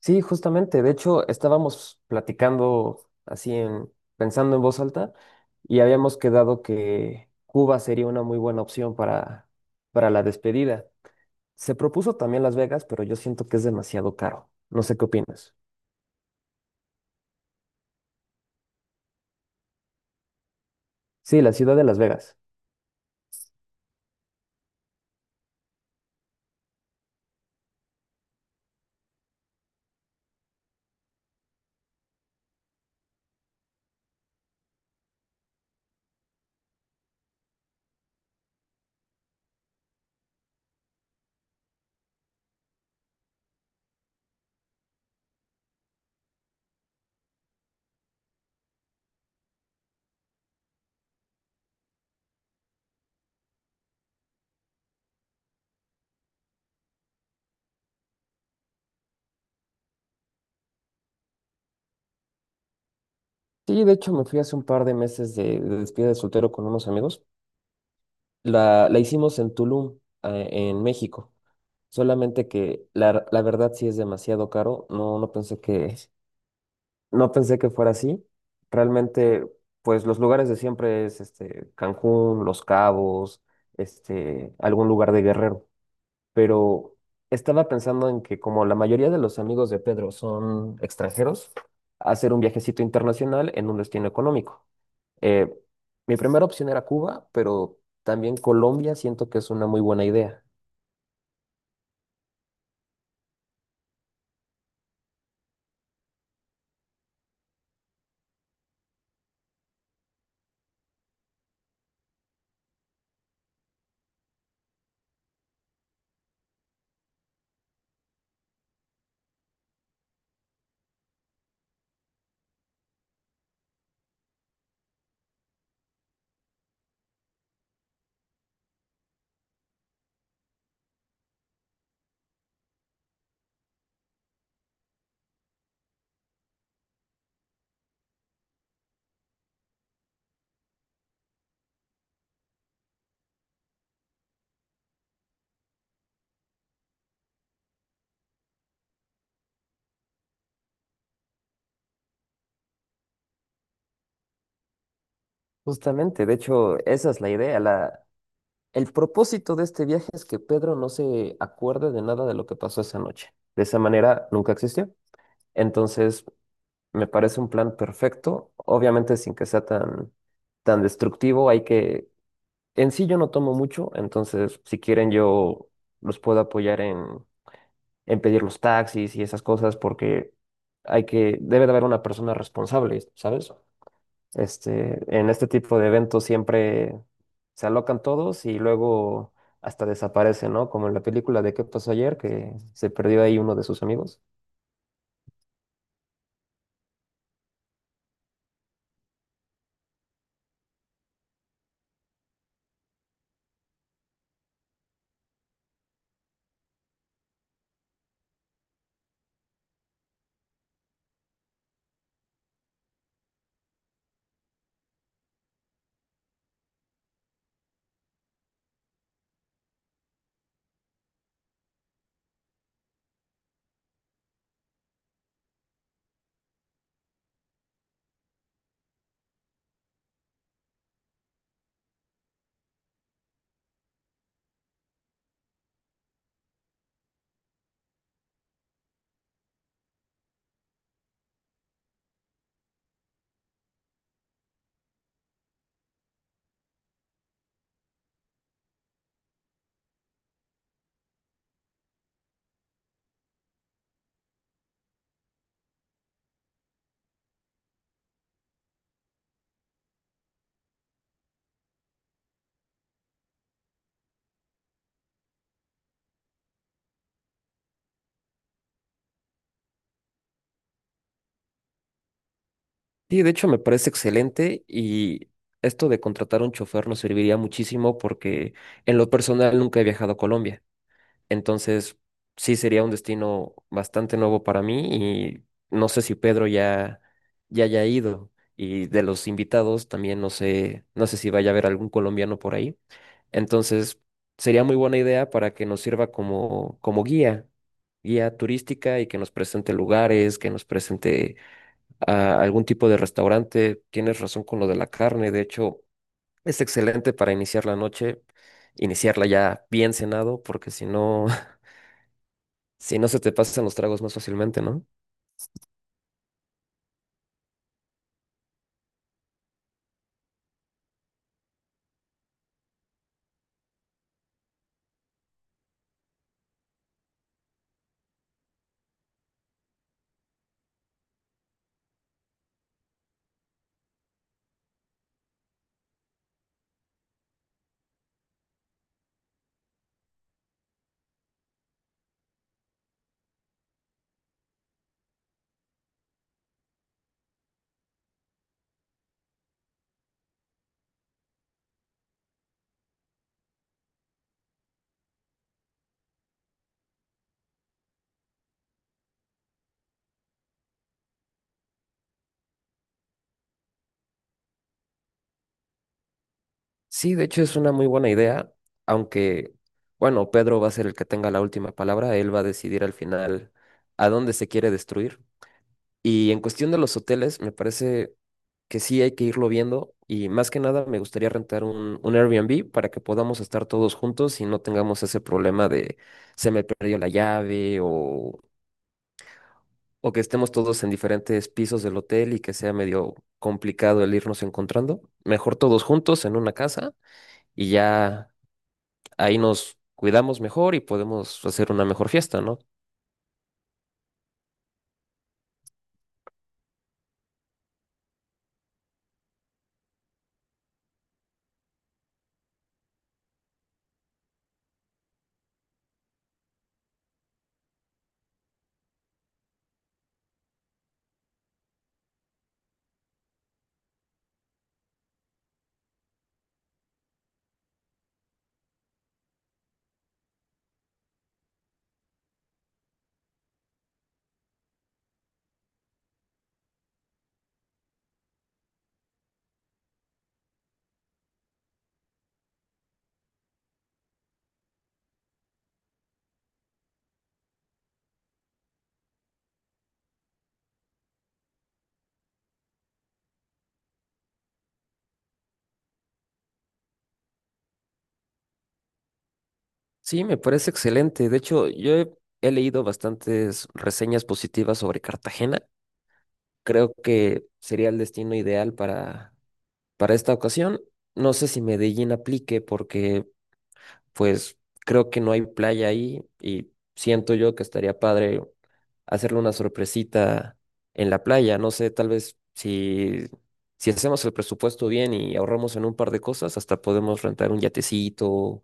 Sí, justamente. De hecho, estábamos platicando así pensando en voz alta y habíamos quedado que Cuba sería una muy buena opción para la despedida. Se propuso también Las Vegas, pero yo siento que es demasiado caro. No sé qué opinas. Sí, la ciudad de Las Vegas. Sí, de hecho me fui hace un par de meses de despedida de soltero con unos amigos. La hicimos en Tulum, en México. Solamente que la verdad sí es demasiado caro. No pensé que fuera así. Realmente, pues los lugares de siempre es este Cancún, Los Cabos, este, algún lugar de Guerrero. Pero estaba pensando en que como la mayoría de los amigos de Pedro son extranjeros, hacer un viajecito internacional en un destino económico. Eh, Mi primera opción era Cuba, pero también Colombia siento que es una muy buena idea. Justamente, de hecho, esa es la idea. El propósito de este viaje es que Pedro no se acuerde de nada de lo que pasó esa noche. De esa manera nunca existió. Entonces, me parece un plan perfecto, obviamente sin que sea tan destructivo. Hay que, en sí yo no tomo mucho, entonces si quieren yo los puedo apoyar en pedir los taxis y esas cosas porque hay que, debe de haber una persona responsable, ¿sabes? Este, en este tipo de eventos siempre se alocan todos y luego hasta desaparecen, ¿no? Como en la película de ¿Qué pasó ayer? Que se perdió ahí uno de sus amigos. Sí, de hecho me parece excelente y esto de contratar un chofer nos serviría muchísimo porque en lo personal nunca he viajado a Colombia. Entonces, sí sería un destino bastante nuevo para mí y no sé si Pedro ya haya ido. Y de los invitados también no sé si vaya a haber algún colombiano por ahí. Entonces, sería muy buena idea para que nos sirva como guía, guía turística y que nos presente lugares, que nos presente algún tipo de restaurante. Tienes razón con lo de la carne, de hecho, es excelente para iniciar la noche, iniciarla ya bien cenado, porque si no... Si no se te pasan los tragos más fácilmente, ¿no? Sí, de hecho es una muy buena idea, aunque, bueno, Pedro va a ser el que tenga la última palabra, él va a decidir al final a dónde se quiere destruir. Y en cuestión de los hoteles, me parece que sí hay que irlo viendo y más que nada me gustaría rentar un Airbnb para que podamos estar todos juntos y no tengamos ese problema de se me perdió la llave o que estemos todos en diferentes pisos del hotel y que sea medio complicado el irnos encontrando. Mejor todos juntos en una casa y ya ahí nos cuidamos mejor y podemos hacer una mejor fiesta, ¿no? Sí, me parece excelente. De hecho, he leído bastantes reseñas positivas sobre Cartagena. Creo que sería el destino ideal para esta ocasión. No sé si Medellín aplique porque pues creo que no hay playa ahí y siento yo que estaría padre hacerle una sorpresita en la playa. No sé, tal vez si hacemos el presupuesto bien y ahorramos en un par de cosas, hasta podemos rentar un yatecito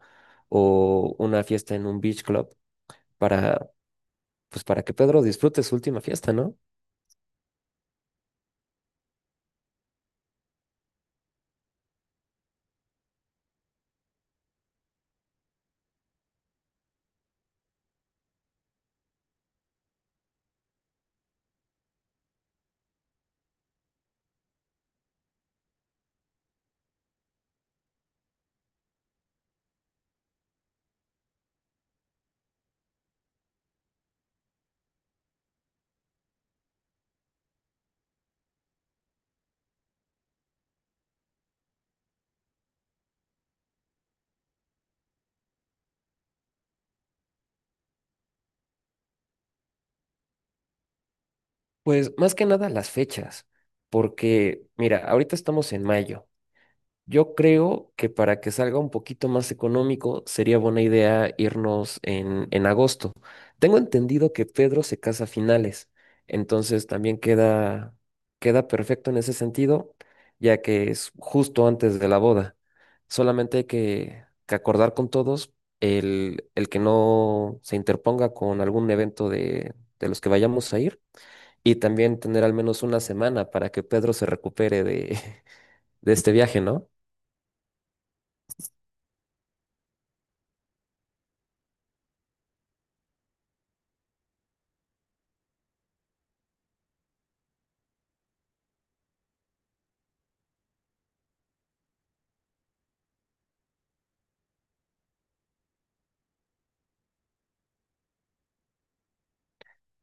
o una fiesta en un beach club para, pues, para que Pedro disfrute su última fiesta, ¿no? Pues más que nada las fechas, porque mira, ahorita estamos en mayo. Yo creo que para que salga un poquito más económico sería buena idea irnos en agosto. Tengo entendido que Pedro se casa a finales, entonces también queda, queda perfecto en ese sentido, ya que es justo antes de la boda. Solamente hay que acordar con todos el que no se interponga con algún evento de los que vayamos a ir y también tener al menos una semana para que Pedro se recupere de, de este viaje, ¿no?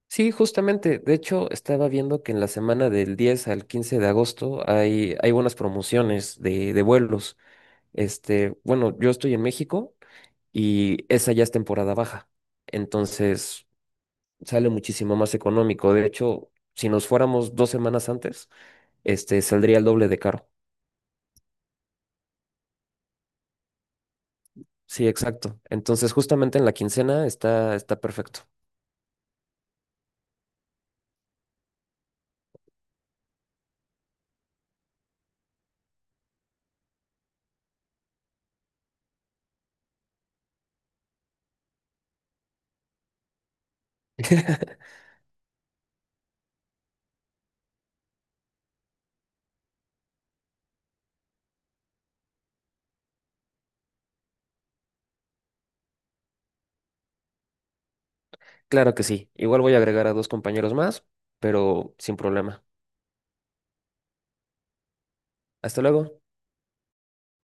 Sí, justamente. De hecho, estaba viendo que en la semana del 10 al 15 de agosto hay buenas promociones de vuelos. Este, bueno, yo estoy en México y esa ya es temporada baja. Entonces, sale muchísimo más económico. De hecho, si nos fuéramos 2 semanas antes, este, saldría el doble de caro. Sí, exacto. Entonces, justamente en la quincena está perfecto. Claro que sí. Igual voy a agregar a dos compañeros más, pero sin problema. Hasta luego.